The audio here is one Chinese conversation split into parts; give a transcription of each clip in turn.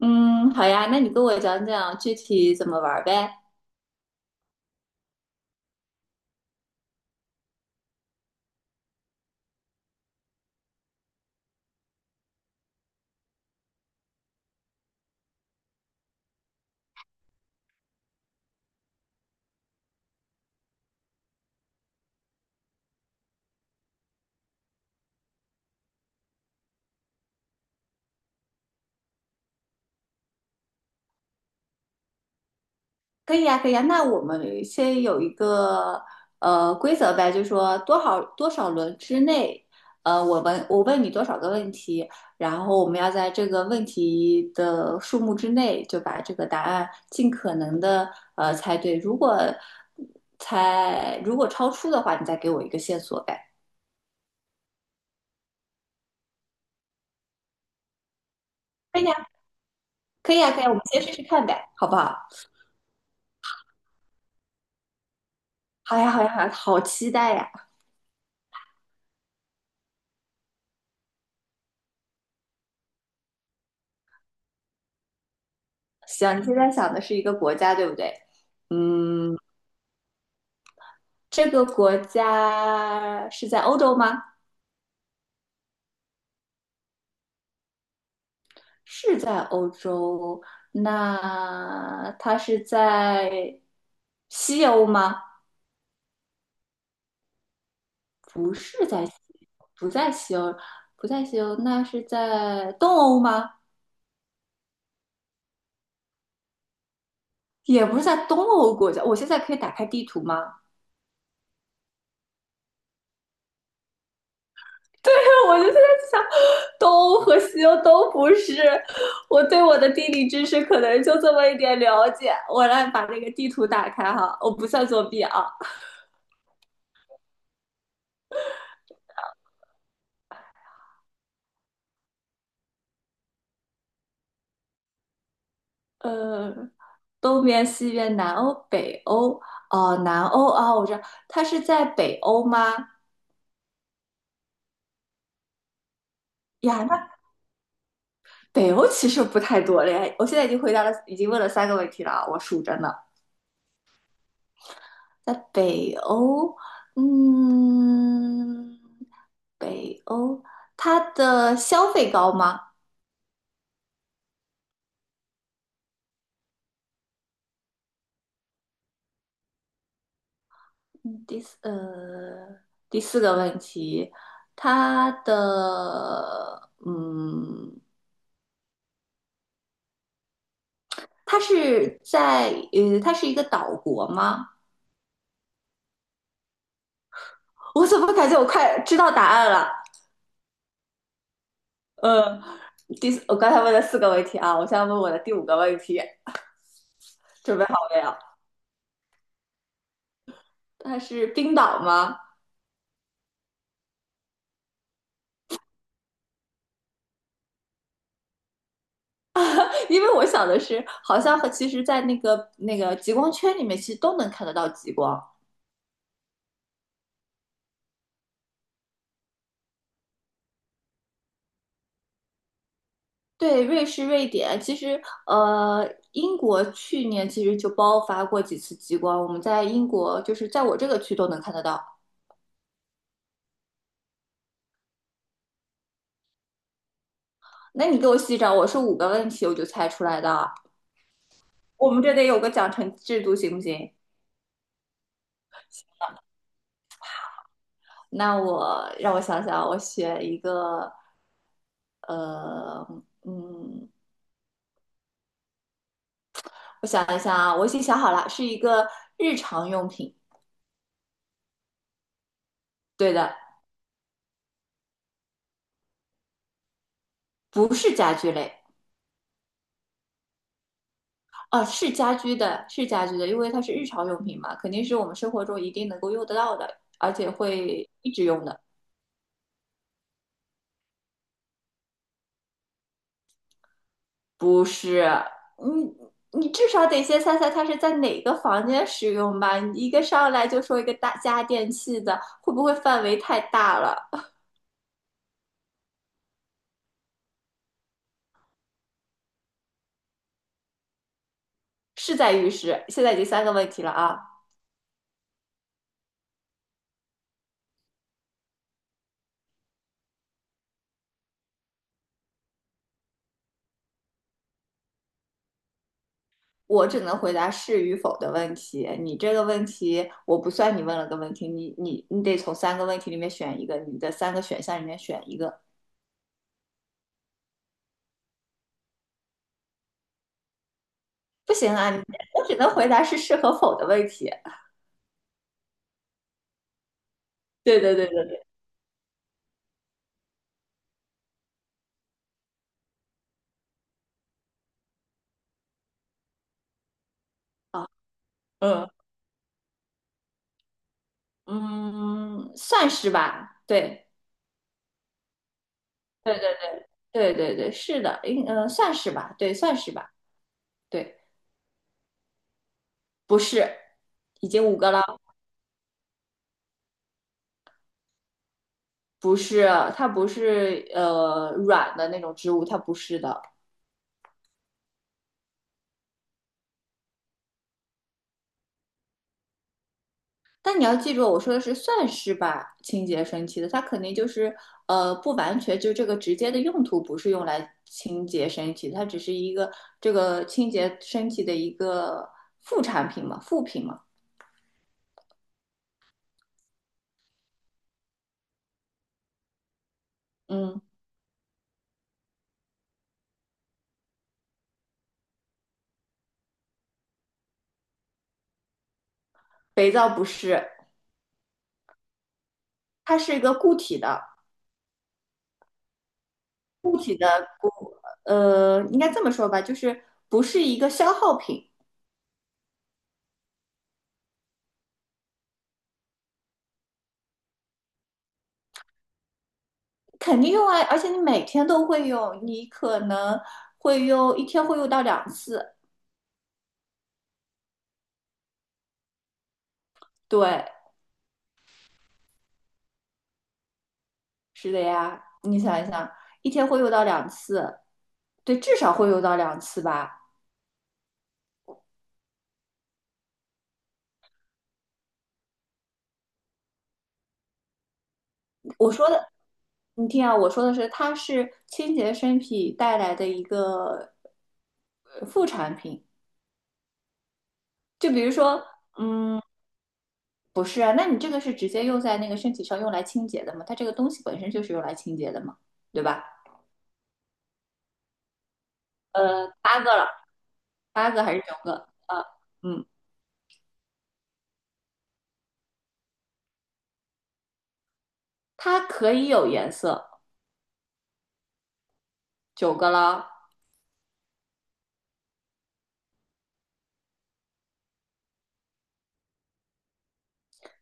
嗯，好呀，那你跟我讲讲具体怎么玩儿呗？可以呀，可以呀。那我们先有一个规则呗，就是说多少多少轮之内，我问你多少个问题，然后我们要在这个问题的数目之内就把这个答案尽可能的猜对。如果超出的话，你再给我一个线索呗。可以呀，可以呀，可以呀我们先试试看呗，好不好？好呀，好呀，好呀，好期待呀！行，你现在想的是一个国家，对不对？嗯，这个国家是在欧洲吗？是在欧洲。那它是在西欧吗？不是在西，不在西欧，不在西欧。那是在东欧吗？也不是在东欧国家。我现在可以打开地图吗？对，我就在想，东欧和西欧都不是，我对我的地理知识可能就这么一点了解。我来把那个地图打开哈，我不算作弊啊。呃，东边、西边、南欧、北欧，哦，南欧啊，我知道，它是在北欧吗？呀，那北欧其实不太多了呀。我现在已经回答了，已经问了三个问题了啊，我数着呢。在北欧，嗯，北欧，它的消费高吗？嗯，第四，第四个问题，它的，嗯，它是在，它是一个岛国吗？我怎么感觉我快知道答案了？呃，第四，我刚才问了四个问题啊，我现在问我的第五个问题，准备好了没有？它是冰岛吗？因为我想的是，好像和其实，在那个极光圈里面，其实都能看得到极光。对，瑞士、瑞典，其实英国去年其实就爆发过几次极光，我们在英国就是在我这个区都能看得到。那你给我细找，我是五个问题我就猜出来的，我们这得有个奖惩制度，行不行？那我让我想想，我选一个，呃，嗯，我想一下啊，我已经想好了，是一个日常用品。对的，不是家居类，哦，是家居的，是家居的，因为它是日常用品嘛，肯定是我们生活中一定能够用得到的，而且会一直用的。不是，你至少得先猜猜它是在哪个房间使用吧？你一个上来就说一个大家电器的，会不会范围太大了？是在浴室，现在已经三个问题了啊。我只能回答是与否的问题。你这个问题，我不算你问了个问题，你得从三个问题里面选一个，你的三个选项里面选一个。不行啊，我只能回答是是和否的问题。对对对对对，啊，嗯嗯，算是吧。对对对对对对，是的，算是吧，对，算是吧，对，不是，已经五个了，不是，它不是软的那种植物，它不是的，但你要记住，我说的是算是吧，清洁身体的，它肯定就是不完全就这个直接的用途不是用来清洁身体，它只是一个这个清洁身体的一个副产品嘛，副品嘛。嗯，肥皂不是，它是一个固体的，应该这么说吧，就是不是一个消耗品，肯定用啊，而且你每天都会用，你可能会用一天会用到两次，对，是的呀，你想一想，一天会用到两次，对，至少会用到两次吧。我说的，你听啊，我说的是，它是清洁身体带来的一个副产品。就比如说，嗯，不是啊，那你这个是直接用在那个身体上用来清洁的嘛？它这个东西本身就是用来清洁的嘛，对吧？八个了，八个还是九个？啊，嗯，它可以有颜色，九个了。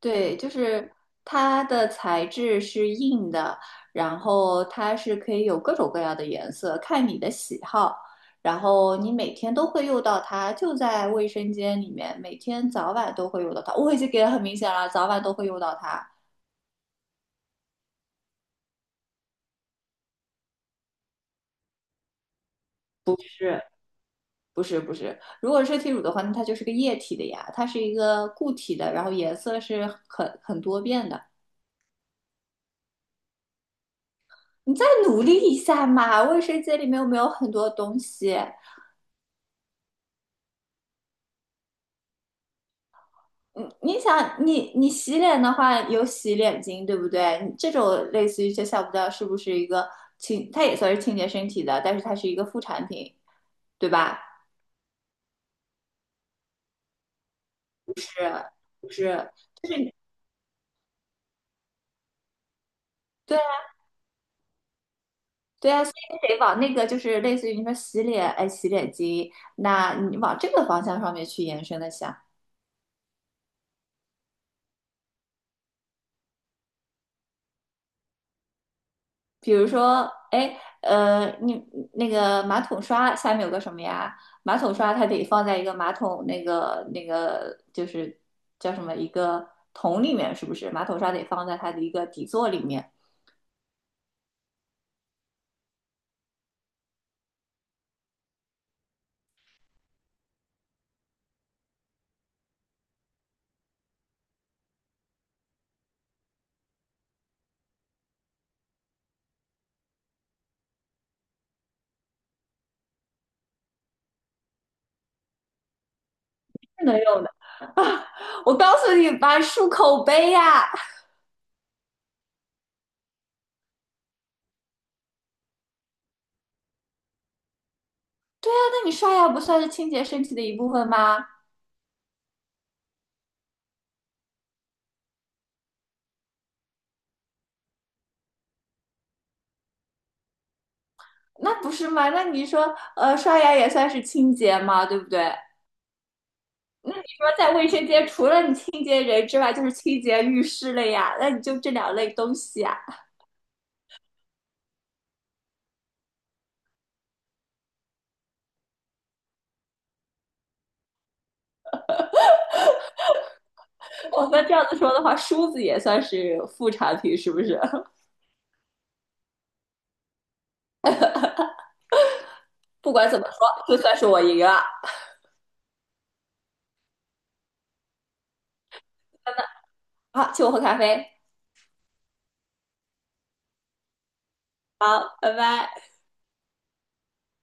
对，就是它的材质是硬的，然后它是可以有各种各样的颜色，看你的喜好。然后你每天都会用到它，就在卫生间里面，每天早晚都会用到它。我已经给的很明显了，早晚都会用到它。不是，不是，不是。如果是身体乳的话，那它就是个液体的呀，它是一个固体的，然后颜色是很多变的。你再努力一下嘛，卫生间里面有没有很多东西？嗯，你想，你洗脸的话有洗脸巾，对不对？你这种类似于就想不到是不是一个清，它也算是清洁身体的，但是它是一个副产品，对吧？不是，就是对啊，对啊，所以你得往那个就是类似于你说洗脸，哎，洗脸巾，那你往这个方向上面去延伸的想。比如说，哎，你那个马桶刷下面有个什么呀？马桶刷它得放在一个马桶那个就是叫什么一个桶里面，是不是？马桶刷得放在它的一个底座里面，是能用的啊！我告诉你吧，漱口杯呀、那你刷牙不算是清洁身体的一部分吗？那不是吗？那你说，刷牙也算是清洁吗？对不对？那你说在卫生间，除了你清洁人之外，就是清洁浴室了呀？那你就这两类东西啊。我们这样子说的话，梳子也算是副产品，是不是？不管怎么说，就算是我赢了。好，请我喝咖啡。好，拜拜。